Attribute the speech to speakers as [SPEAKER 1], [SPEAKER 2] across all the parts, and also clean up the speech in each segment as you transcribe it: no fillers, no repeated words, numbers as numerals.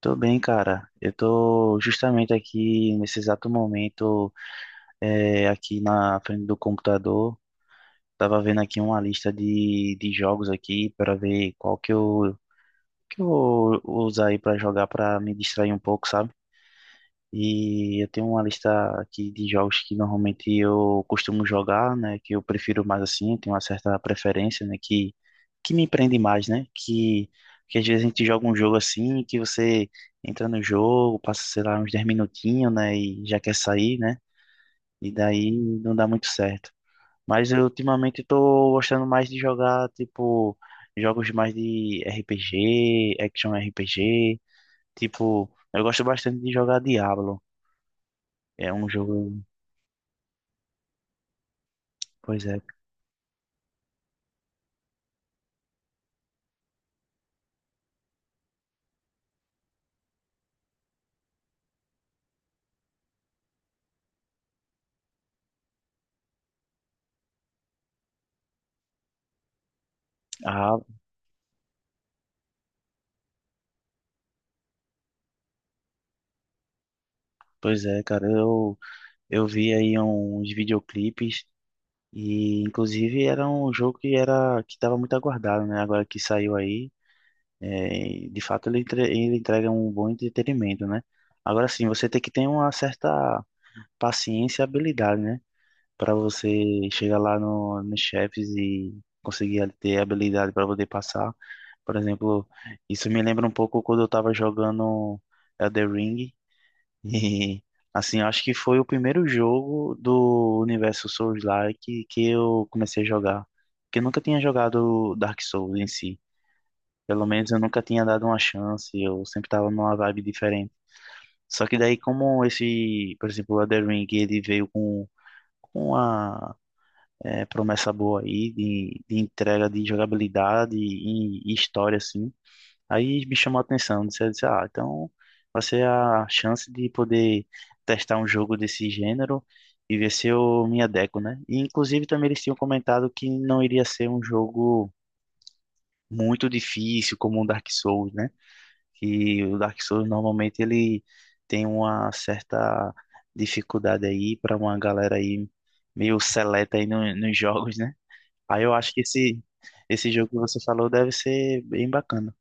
[SPEAKER 1] Tô bem, cara. Eu tô justamente aqui nesse exato momento, aqui na frente do computador. Tava vendo aqui uma lista de jogos aqui para ver qual que eu vou usar aí para jogar para me distrair um pouco, sabe? E eu tenho uma lista aqui de jogos que normalmente eu costumo jogar, né? Que eu prefiro mais assim, tenho uma certa preferência, né? Que me prende mais, né? Que às vezes a gente joga um jogo assim, que você entra no jogo, passa, sei lá, uns 10 minutinhos, né? E já quer sair, né? E daí não dá muito certo. Mas eu ultimamente tô gostando mais de jogar, tipo, jogos mais de RPG, action RPG, tipo, eu gosto bastante de jogar Diablo. É um jogo. Pois é, ah, pois é, cara, eu vi aí uns videoclipes e inclusive era um jogo que era que estava muito aguardado, né? Agora que saiu aí, é, de fato ele, ele entrega um bom entretenimento, né? Agora sim, você tem que ter uma certa paciência e habilidade, né? Para você chegar lá no, nos chefes e conseguir ter habilidade para poder passar. Por exemplo, isso me lembra um pouco quando eu estava jogando Elden Ring. E, assim, eu acho que foi o primeiro jogo do universo Souls-like que eu comecei a jogar. Porque eu nunca tinha jogado Dark Souls em si. Pelo menos eu nunca tinha dado uma chance, eu sempre tava numa vibe diferente. Só que daí, como esse, por exemplo, o Elden Ring, ele veio com uma é, promessa boa aí de entrega de jogabilidade e história, assim. Aí me chamou a atenção, disse, eu disse, ah, então vai ser a chance de poder testar um jogo desse gênero e ver se eu me adequo, né? E inclusive também eles tinham comentado que não iria ser um jogo muito difícil como o Dark Souls, né? Que o Dark Souls normalmente ele tem uma certa dificuldade aí para uma galera aí meio seleta aí nos jogos, né? Aí eu acho que esse jogo que você falou deve ser bem bacana.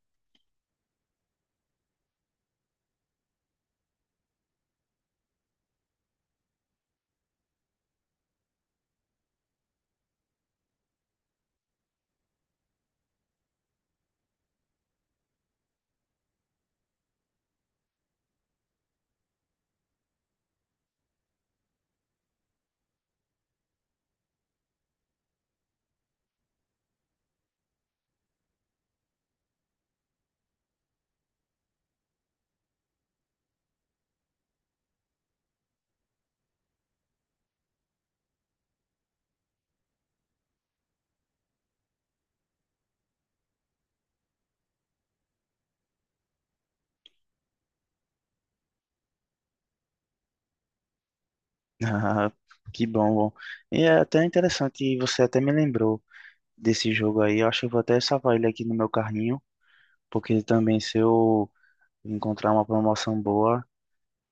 [SPEAKER 1] Ah, que bom, bom. E é até interessante, você até me lembrou desse jogo aí. Eu acho que eu vou até salvar ele aqui no meu carrinho, porque também se eu encontrar uma promoção boa,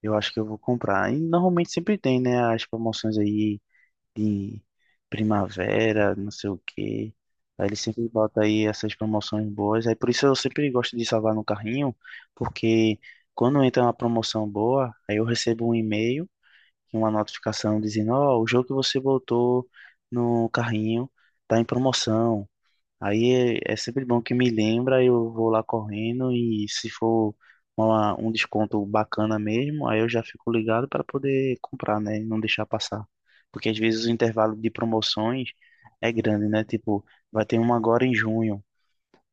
[SPEAKER 1] eu acho que eu vou comprar. E normalmente sempre tem, né, as promoções aí de primavera, não sei o quê. Aí ele sempre bota aí essas promoções boas. Aí por isso eu sempre gosto de salvar no carrinho, porque quando entra uma promoção boa, aí eu recebo um e-mail uma notificação dizendo, ó, o jogo que você botou no carrinho tá em promoção. Aí é sempre bom que me lembra, eu vou lá correndo e se for um desconto bacana mesmo, aí eu já fico ligado para poder comprar, né, e não deixar passar. Porque às vezes o intervalo de promoções é grande, né? Tipo, vai ter uma agora em junho.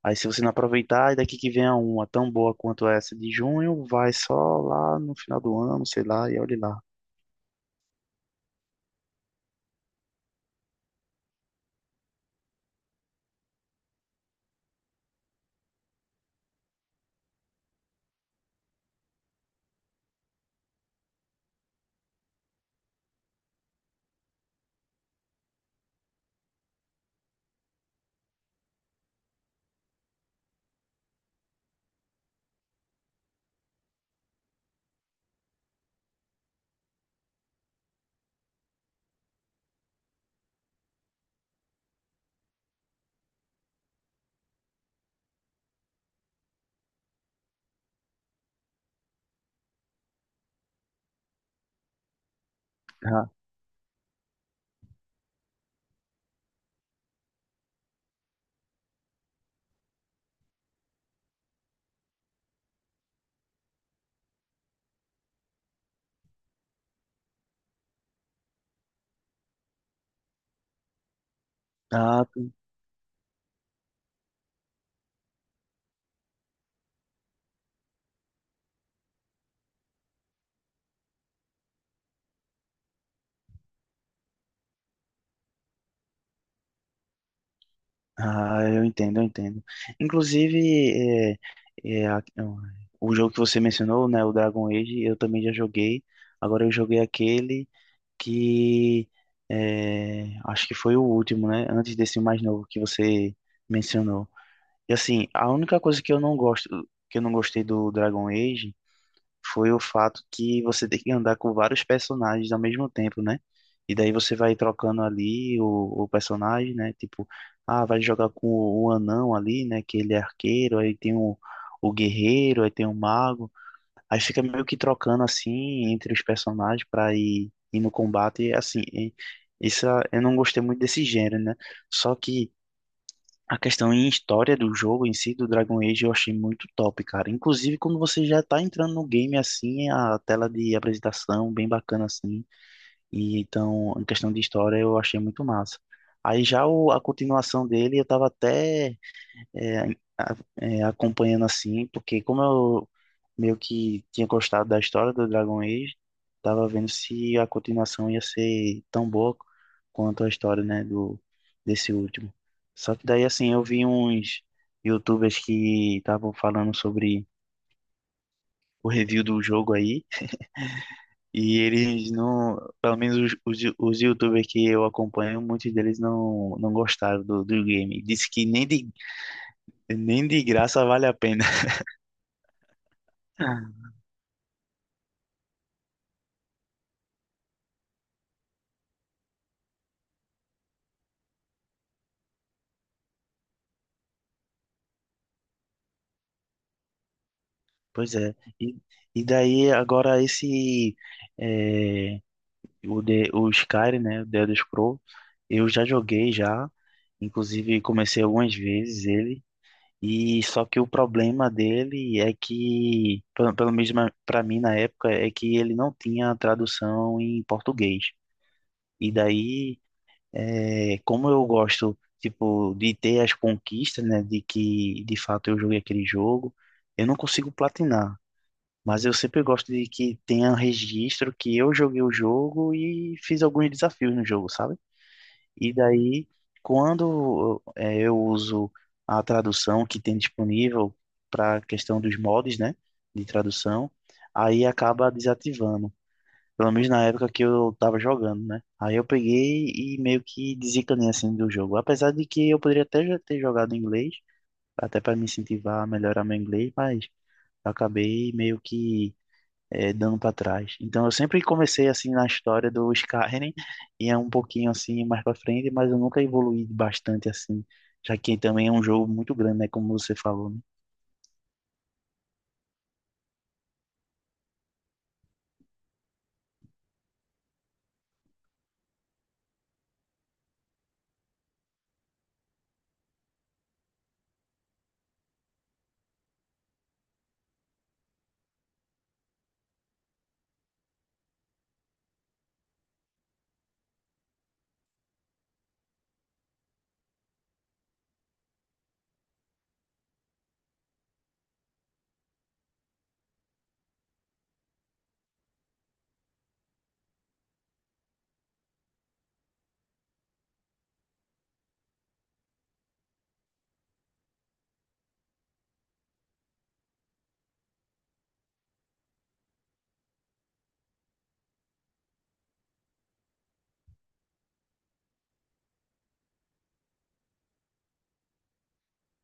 [SPEAKER 1] Aí se você não aproveitar, daqui que vem a uma tão boa quanto essa de junho, vai só lá no final do ano, sei lá, e olhe lá. Ah, ah, ah, eu entendo, eu entendo. Inclusive, é, é, a- o jogo que você mencionou, né, o Dragon Age, eu também já joguei. Agora eu joguei aquele que acho que foi o último, né, antes desse mais novo que você mencionou. E assim, a única coisa que eu não gosto, que eu não gostei do Dragon Age foi o fato que você tem que andar com vários personagens ao mesmo tempo, né? E daí você vai trocando ali o personagem, né? Tipo, ah, vai jogar com o anão ali, né? Que ele é arqueiro, aí tem o guerreiro, aí tem o mago. Aí fica meio que trocando assim entre os personagens pra ir no combate. E assim, eu não gostei muito desse gênero, né? Só que a questão em história do jogo em si, do Dragon Age, eu achei muito top, cara. Inclusive, quando você já tá entrando no game assim, é a tela de apresentação bem bacana assim. E então, em questão de história, eu achei muito massa. Aí já a continuação dele, eu tava até é, acompanhando assim, porque como eu meio que tinha gostado da história do Dragon Age, tava vendo se a continuação ia ser tão boa quanto a história, né, do desse último. Só que daí assim, eu vi uns YouTubers que estavam falando sobre o review do jogo aí, e eles não, pelo menos os YouTubers que eu acompanho, muitos deles não gostaram do game. Disse que nem de graça vale a pena. Pois é. E, e daí agora esse é, o Skyrim, né, o The Elder Scrolls, eu já joguei já, inclusive comecei algumas vezes ele. E só que o problema dele é que, pelo menos para mim na época, é que ele não tinha tradução em português. E daí, é, como eu gosto, tipo, de ter as conquistas, né, de que de fato eu joguei aquele jogo, eu não consigo platinar. Mas eu sempre gosto de que tenha um registro que eu joguei o jogo e fiz alguns desafios no jogo, sabe? E daí, quando eu uso a tradução que tem disponível para a questão dos mods, né, de tradução, aí acaba desativando. Pelo menos na época que eu tava jogando, né? Aí eu peguei e meio que desencanei assim do jogo. Apesar de que eu poderia até já ter jogado em inglês, até para me incentivar a melhorar meu inglês, mas eu acabei meio que dando para trás. Então eu sempre comecei assim na história do Skyrim, e é um pouquinho assim mais para frente, mas eu nunca evoluí bastante assim, já que também é um jogo muito grande, né, como você falou, né?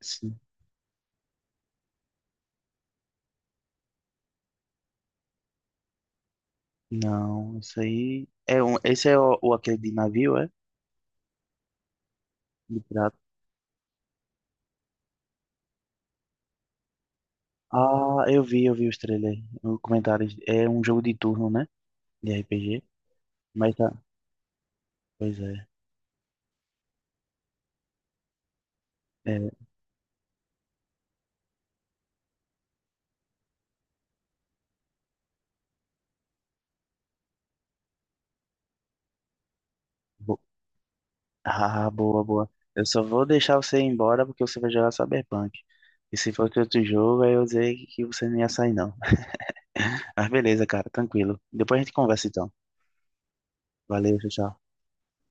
[SPEAKER 1] Sim. Não, isso aí é um, esse é o aquele de navio, é? De pirata. Ah, eu vi os trailers, os comentários. É um jogo de turno, né? De RPG. Mas tá, pois é. É, ah, boa, boa. Eu só vou deixar você ir embora porque você vai jogar Cyberpunk. E se fosse outro jogo, aí eu sei que você não ia sair, não. Mas beleza, cara, tranquilo. Depois a gente conversa então. Valeu, tchau, tchau.